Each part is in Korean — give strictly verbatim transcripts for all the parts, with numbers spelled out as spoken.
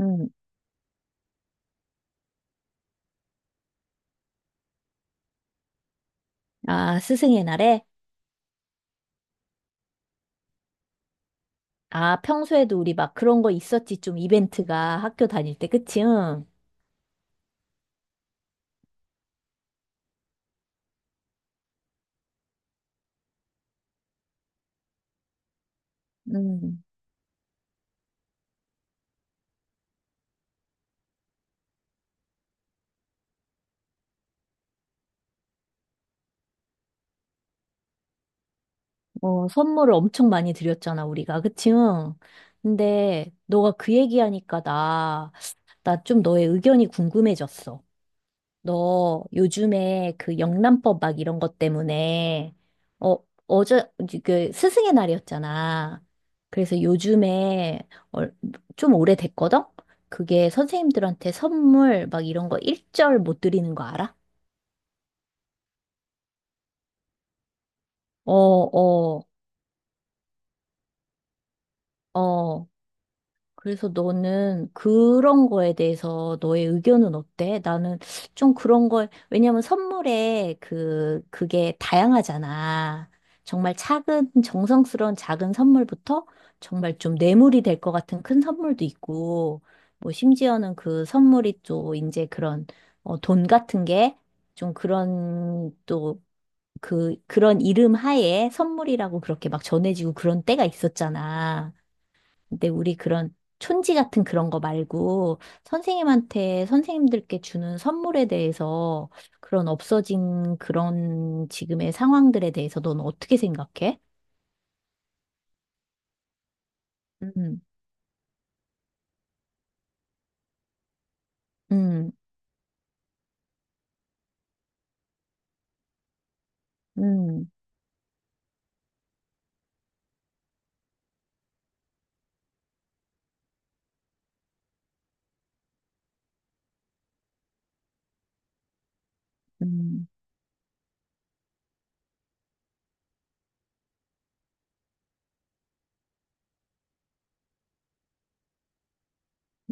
음. 아, 스승의 날에? 아, 평소에도 우리 막 그런 거 있었지. 좀 이벤트가 학교 다닐 때, 그치? 응. 음. 어, 선물을 엄청 많이 드렸잖아, 우리가. 그치? 응. 근데 너가 그 얘기하니까 나, 나 좀 너의 의견이 궁금해졌어. 너 요즘에 그 영란법 막 이런 것 때문에 어 어제 그 스승의 날이었잖아. 그래서 요즘에 얼- 좀 오래됐거든. 그게 선생님들한테 선물 막 이런 거 일절 못 드리는 거 알아? 어, 어, 어. 그래서 너는 그런 거에 대해서 너의 의견은 어때? 나는 좀 그런 걸, 왜냐면 선물에 그, 그게 다양하잖아. 정말 작은, 정성스러운 작은 선물부터 정말 좀 뇌물이 될 것 같은 큰 선물도 있고, 뭐 심지어는 그 선물이 또 이제 그런, 어, 돈 같은 게 좀 그런 또 그, 그런 이름 하에 선물이라고 그렇게 막 전해지고 그런 때가 있었잖아. 근데 우리 그런 촌지 같은 그런 거 말고 선생님한테 선생님들께 주는 선물에 대해서 그런 없어진 그런 지금의 상황들에 대해서 넌 어떻게 생각해? 음, 음, 음, 음,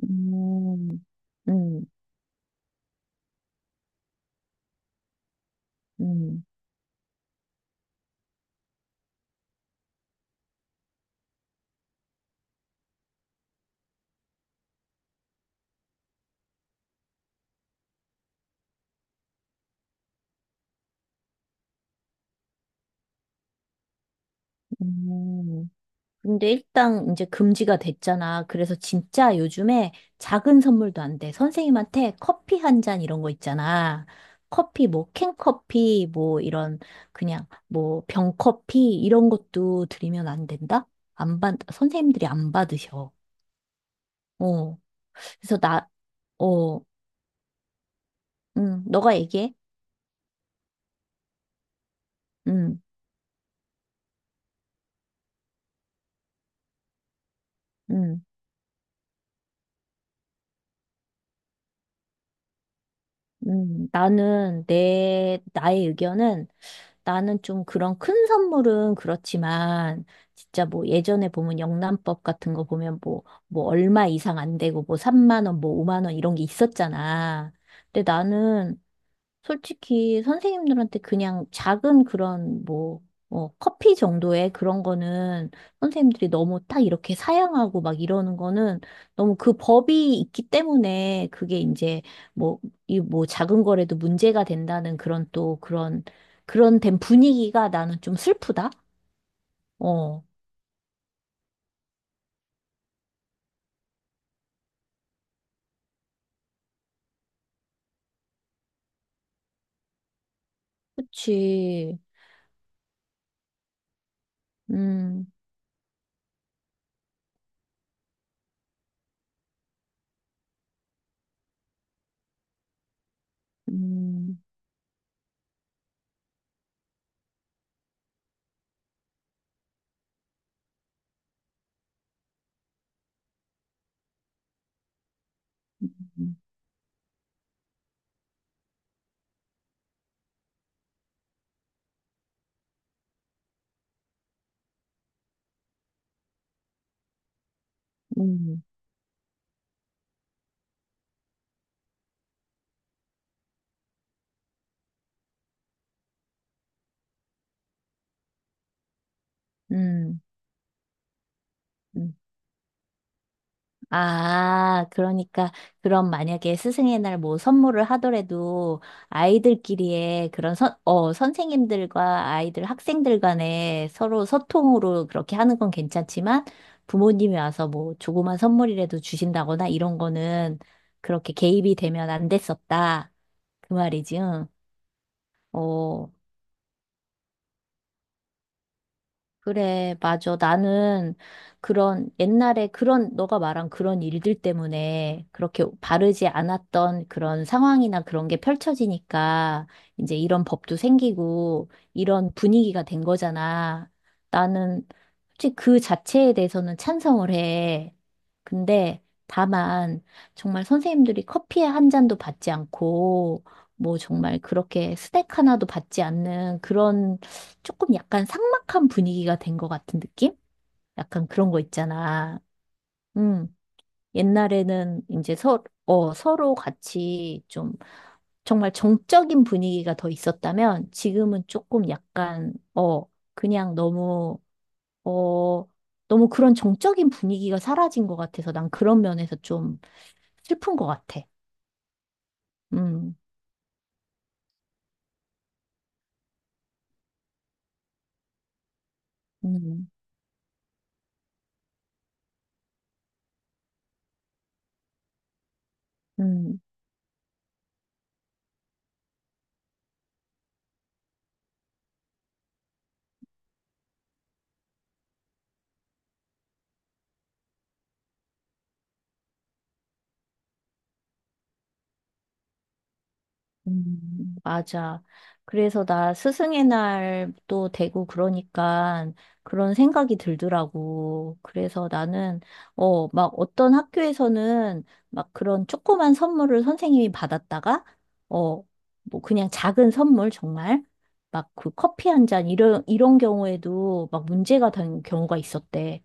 음, 음, 음, 음. 음. 근데 일단 이제 금지가 됐잖아. 그래서 진짜 요즘에 작은 선물도 안 돼. 선생님한테 커피 한 잔 이런 거 있잖아. 커피 뭐 캔커피 뭐 이런 그냥 뭐 병커피 이런 것도 드리면 안 된다? 안 받, 선생님들이 안 받으셔. 어. 그래서 나, 어, 응, 너가 얘기해. 응, 응. 음, 나는 내, 나의 의견은 나는 좀 그런 큰 선물은 그렇지만 진짜 뭐 예전에 보면 영란법 같은 거 보면 뭐, 뭐 얼마 이상 안 되고 뭐 삼만 원, 뭐 오만 원 이런 게 있었잖아. 근데 나는 솔직히 선생님들한테 그냥 작은 그런 뭐, 어, 커피 정도의 그런 거는 선생님들이 너무 딱 이렇게 사양하고 막 이러는 거는 너무 그 법이 있기 때문에 그게 이제 뭐, 이 뭐 작은 거라도 문제가 된다는 그런 또 그런, 그런 된 분위기가 나는 좀 슬프다? 어, 그치. 음, 음, 음, 음, 음. 음. 아, 그러니까, 그럼 만약에 스승의 날 뭐 선물을 하더라도 아이들끼리의 그런 선, 어, 선생님들과 아이들, 학생들 간에 서로 소통으로 그렇게 하는 건 괜찮지만 부모님이 와서 뭐 조그만 선물이라도 주신다거나 이런 거는 그렇게 개입이 되면 안 됐었다. 그 말이지, 응. 어, 그래, 맞아. 나는 그런 옛날에 그런 너가 말한 그런 일들 때문에 그렇게 바르지 않았던 그런 상황이나 그런 게 펼쳐지니까 이제 이런 법도 생기고 이런 분위기가 된 거잖아. 나는 솔직히 그 자체에 대해서는 찬성을 해. 근데 다만 정말 선생님들이 커피 한 잔도 받지 않고 뭐 정말 그렇게 스낵 하나도 받지 않는 그런 조금 약간 삭막한 분위기가 된 것 같은 느낌? 약간 그런 거 있잖아. 음, 옛날에는 이제 서, 어, 서로 같이 좀 정말 정적인 분위기가 더 있었다면 지금은 조금 약간, 어, 그냥 너무, 어, 너무 그런 정적인 분위기가 사라진 것 같아서 난 그런 면에서 좀 슬픈 것 같아. 음, 음, 음. 음, 맞아. 그래서 나 스승의 날도 되고 그러니까 그런 생각이 들더라고. 그래서 나는, 어, 막 어떤 학교에서는 막 그런 조그만 선물을 선생님이 받았다가, 어, 뭐 그냥 작은 선물 정말, 막 그 커피 한 잔 이런, 이런 경우에도 막 문제가 된 경우가 있었대.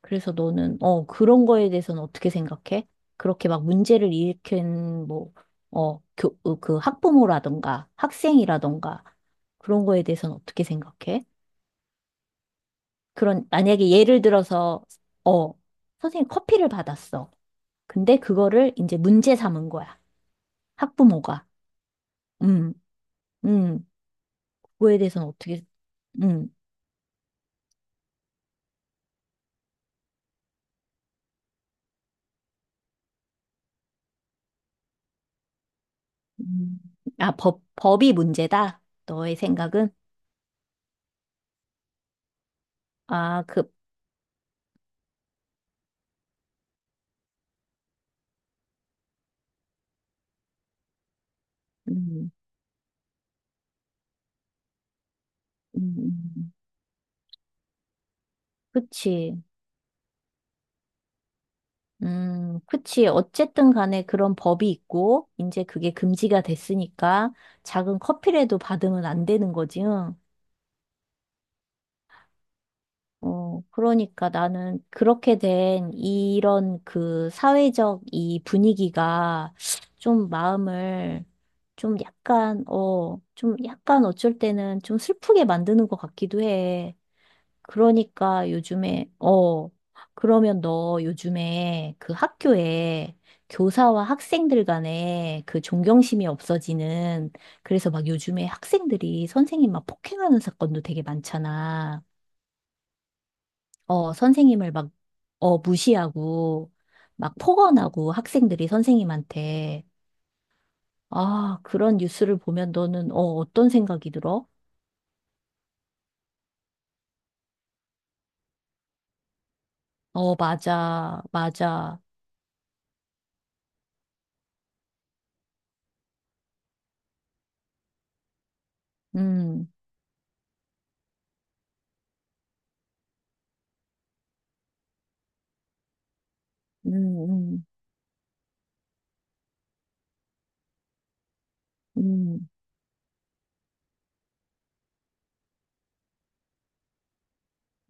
그래서 너는, 어, 그런 거에 대해서는 어떻게 생각해? 그렇게 막 문제를 일으킨, 뭐, 어, 교, 어, 그 학부모라던가 학생이라던가 그런 거에 대해서는 어떻게 생각해? 그런, 만약에 예를 들어서, 어, 선생님 커피를 받았어. 근데 그거를 이제 문제 삼은 거야. 학부모가. 음, 음, 그거에 대해서는 어떻게, 음, 음. 아, 법, 법이 문제다? 너의 생각은? 아, 그, 음, 음, 음. 그치. 음, 그치. 어쨌든 간에 그런 법이 있고, 이제 그게 금지가 됐으니까 작은 커피라도 받으면 안 되는 거지. 응? 어, 그러니까 나는 그렇게 된 이런 그 사회적 이 분위기가 좀 마음을 좀 약간, 어, 좀 약간 어쩔 때는 좀 슬프게 만드는 것 같기도 해. 그러니까 요즘에, 어, 그러면 너 요즘에 그 학교에 교사와 학생들 간에 그 존경심이 없어지는, 그래서 막 요즘에 학생들이 선생님 막 폭행하는 사건도 되게 많잖아. 어, 선생님을 막, 어, 무시하고, 막 폭언하고 학생들이 선생님한테. 아, 그런 뉴스를 보면 너는, 어, 어떤 생각이 들어? 어, 맞아, 맞아. 음, 음, 음. 음.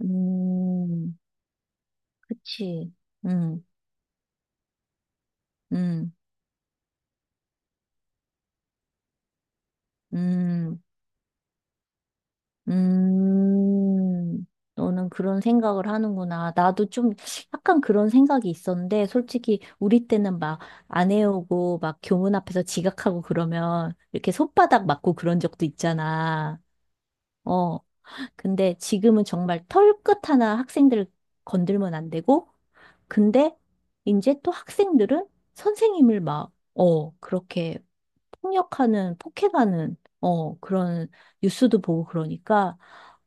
음, 그치. 음, 음, 음, 음. 너는 그런 생각을 하는구나. 나도 좀 약간 그런 생각이 있었는데, 솔직히 우리 때는 막 안 해오고, 막 교문 앞에서 지각하고 그러면 이렇게 손바닥 맞고 그런 적도 있잖아. 어. 근데 지금은 정말 털끝 하나 학생들 건들면 안 되고, 근데 이제 또 학생들은 선생님을 막, 어, 그렇게 폭력하는, 폭행하는, 어, 그런 뉴스도 보고 그러니까,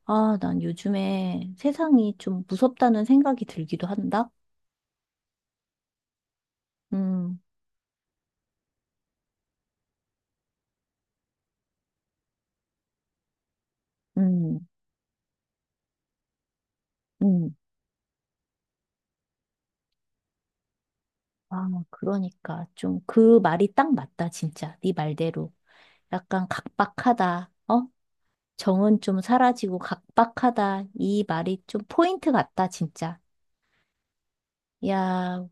아, 난 요즘에 세상이 좀 무섭다는 생각이 들기도 한다? 음, 음, 음. 아, 그러니까 좀 그 말이 딱 맞다, 진짜. 네 말대로. 약간 각박하다, 어? 정은 좀 사라지고 각박하다. 이 말이 좀 포인트 같다, 진짜. 야,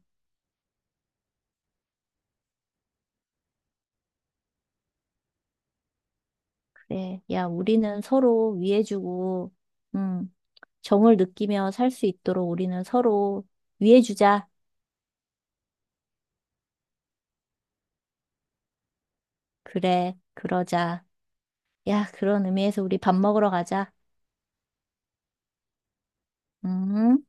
네, 야, 우리는 서로 위해주고, 음, 정을 느끼며 살 수 있도록 우리는 서로 위해주자. 그래, 그러자. 야, 그런 의미에서 우리 밥 먹으러 가자. 음.